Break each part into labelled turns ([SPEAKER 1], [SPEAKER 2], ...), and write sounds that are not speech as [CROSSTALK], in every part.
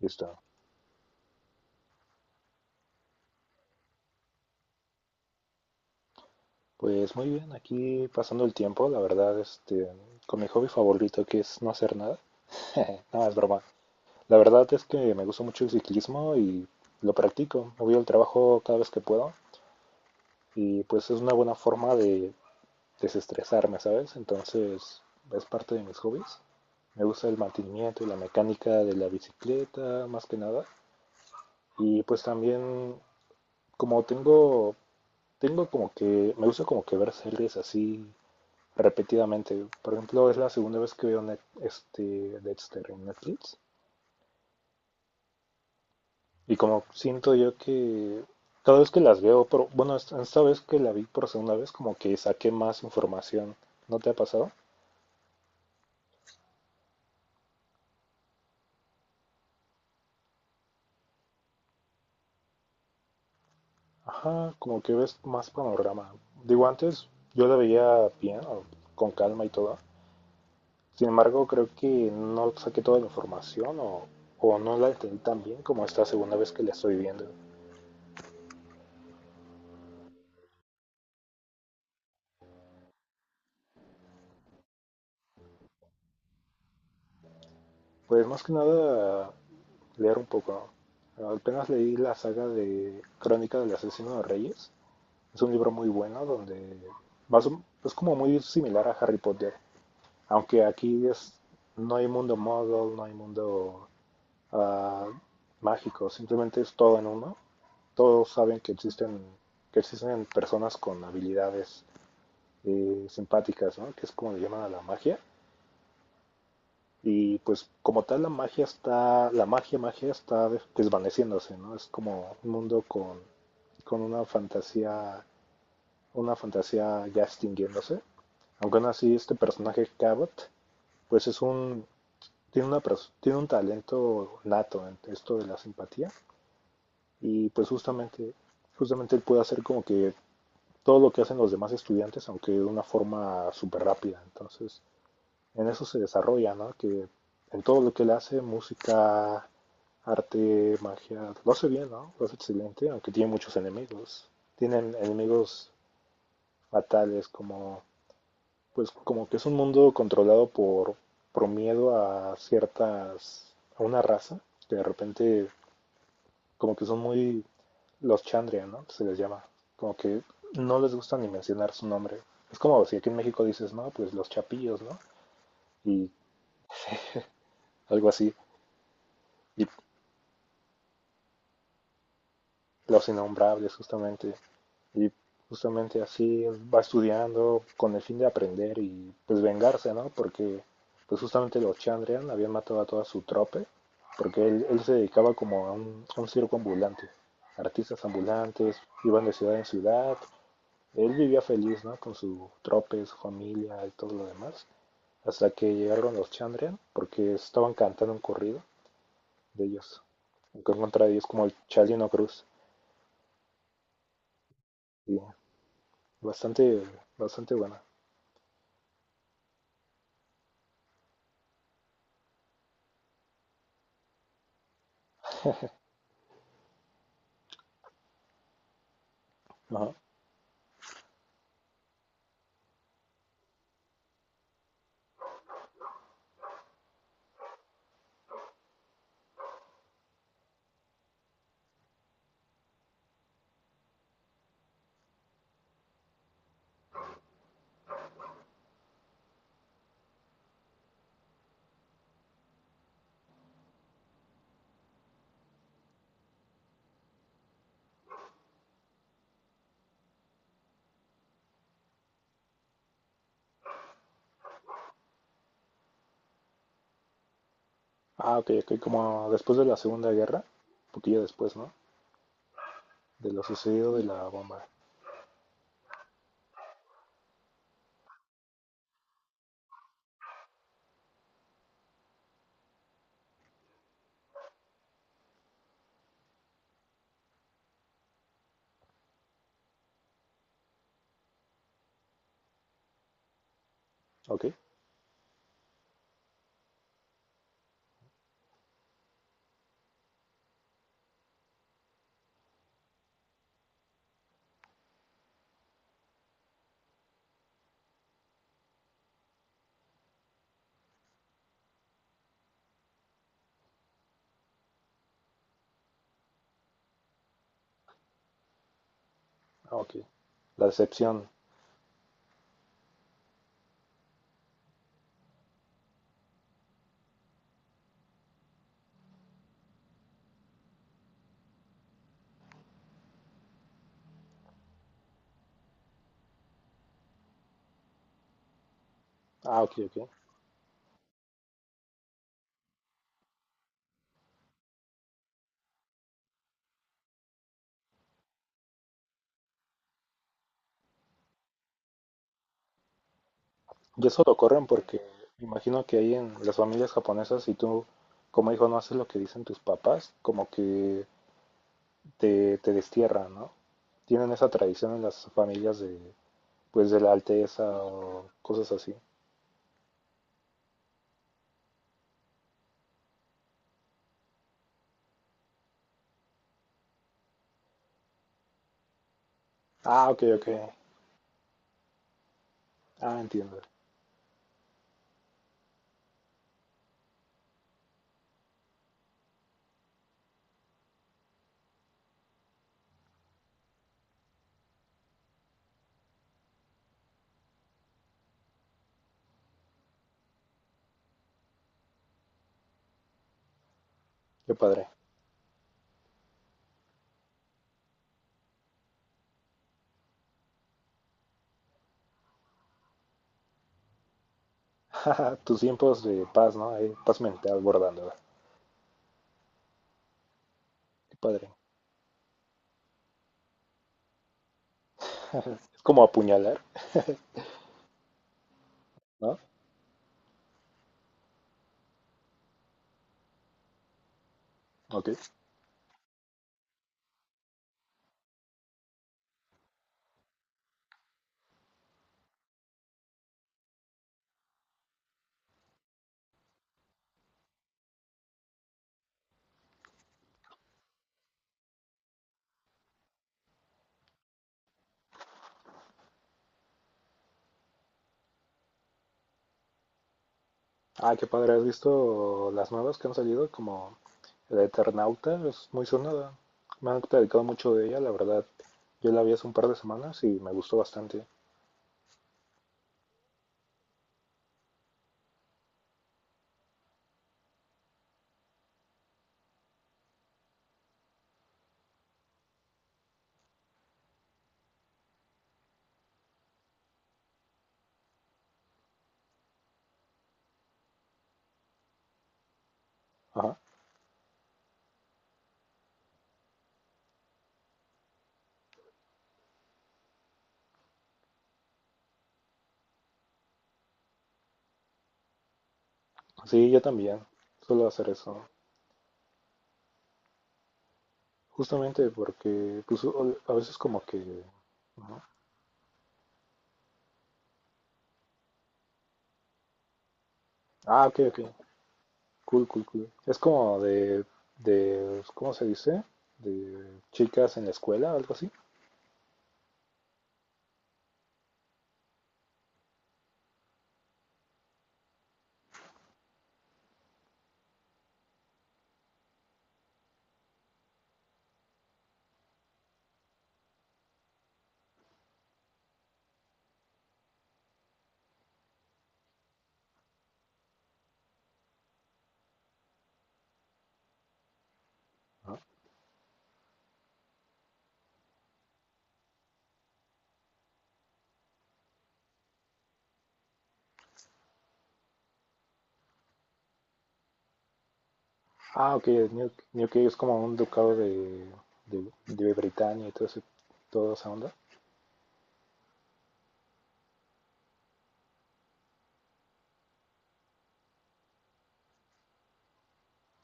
[SPEAKER 1] Listo. Pues muy bien, aquí pasando el tiempo, la verdad, con mi hobby favorito que es no hacer nada. [LAUGHS] No, es broma. La verdad es que me gusta mucho el ciclismo y lo practico. Me voy al trabajo cada vez que puedo y pues es una buena forma de desestresarme, ¿sabes? Entonces es parte de mis hobbies. Me gusta el mantenimiento y la mecánica de la bicicleta, más que nada. Y pues también, como tengo, tengo como que, me gusta como que ver series así repetidamente. Por ejemplo, es la segunda vez que veo Dexter en Netflix. Y como siento yo que cada vez que las veo, pero bueno, esta vez que la vi por segunda vez, como que saqué más información. ¿No te ha pasado? Ajá, como que ves más panorama. Digo, antes yo la veía bien, o con calma y todo. Sin embargo, creo que no saqué toda la información o no la entendí tan bien como esta segunda vez que la estoy viendo. Pues más que nada, leer un poco. ¿No? Apenas leí la saga de Crónica del Asesino de Reyes. Es un libro muy bueno donde es como muy similar a Harry Potter, aunque aquí es, no hay mundo model, no hay mundo ah, mágico, simplemente es todo en uno. Todos saben que existen personas con habilidades simpáticas, ¿no? Que es como le llaman a la magia. Y pues como tal la magia está, la magia, magia está desvaneciéndose, ¿no? Es como un mundo con una fantasía ya extinguiéndose. Aunque aún así este personaje Cabot, pues es un, tiene tiene un talento nato en esto de la simpatía. Y pues justamente, justamente él puede hacer como que todo lo que hacen los demás estudiantes, aunque de una forma súper rápida. Entonces, en eso se desarrolla, ¿no? Que en todo lo que él hace, música, arte, magia, lo hace bien, ¿no? Lo hace excelente, aunque tiene muchos enemigos. Tienen enemigos fatales, como, pues, como que es un mundo controlado por miedo a ciertas, a una raza, que de repente, como que son muy, los Chandria, ¿no? Se les llama, como que no les gusta ni mencionar su nombre. Es como si aquí en México dices, no, pues los chapillos, ¿no? Y algo así. Y Los Innombrables, justamente. Y justamente así va estudiando con el fin de aprender y pues vengarse, ¿no? Porque pues justamente los Chandrian habían matado a toda su trope, porque él se dedicaba como a un circo ambulante. Artistas ambulantes, iban de ciudad en ciudad. Él vivía feliz, ¿no? Con su trope, su familia y todo lo demás. Hasta que llegaron los Chandrian, porque estaban cantando un corrido de ellos. En contra de ellos como el Chalino Cruz. Y bastante, bastante buena. Ajá. Ah, ok, ok, como después de la Segunda Guerra, un poquillo después, ¿no? De lo sucedido de la bomba. Ok, ah, ok. La decepción. Ah, ok, ok. Y eso lo corren porque imagino que ahí en las familias japonesas, si tú como hijo no haces lo que dicen tus papás, como que te destierran, ¿no? Tienen esa tradición en las familias de, pues, de la alteza o cosas así. Ah, ok, ok. Ah, entiendo. Qué padre. [LAUGHS] Tus tiempos de paz, ¿no? Ahí, paz mental bordando. Qué padre. Es como apuñalar, ¿no? Ok. Ah, qué padre. ¿Has visto las nuevas que han salido? Como el Eternauta, es muy sonada. Me han platicado mucho de ella, la verdad. Yo la vi hace un par de semanas y me gustó bastante. Ajá. Sí, yo también. Suelo hacer eso. Justamente porque, pues, o- a veces como que... Ajá. Ah, ok, ok. Cool, cool, cool. Es como de, ¿cómo se dice? De chicas en la escuela, algo así. ¿No? Ah, ok, New, New Cave es como un ducado de Britania y todo ese, toda esa onda.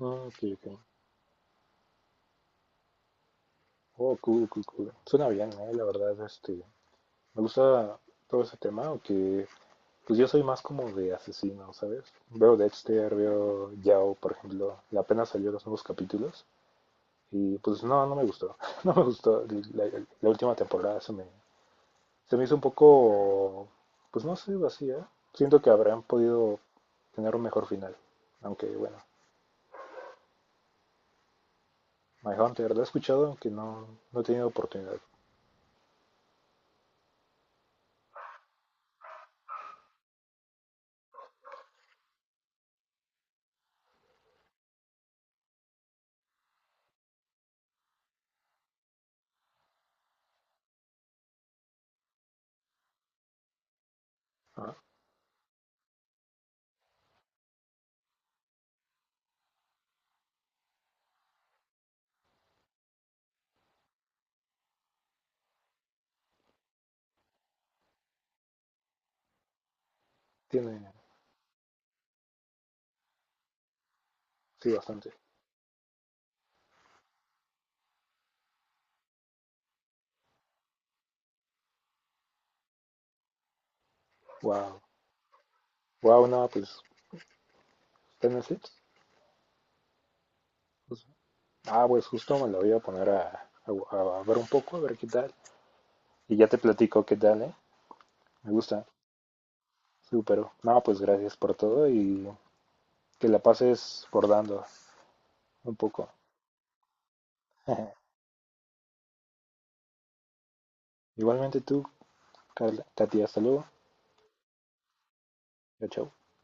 [SPEAKER 1] Ah, ok, ok. Oh, cool, cool, cool. Suena bien, la verdad, me gusta todo ese tema, aunque pues yo soy más como de asesino, ¿sabes? Veo Dexter, veo Yao, por ejemplo, apenas salió los nuevos capítulos. Y pues no, no me gustó. [LAUGHS] No me gustó. La, la última temporada se me hizo un poco, pues no sé, vacía. Siento que habrán podido tener un mejor final. Aunque bueno, My Hunter lo he escuchado, aunque no, no he tenido oportunidad. Ah, tiene, sí, bastante. Wow. Wow, no, pues está en Netflix. Pues, ah, pues justo me la voy a poner a ver un poco, a ver qué tal. Y ya te platico qué tal, ¿eh? Me gusta. Súper. No, pues gracias por todo y que la pases bordando. Un poco. [LAUGHS] Igualmente tú, Katia. Hasta luego. Chao, chao.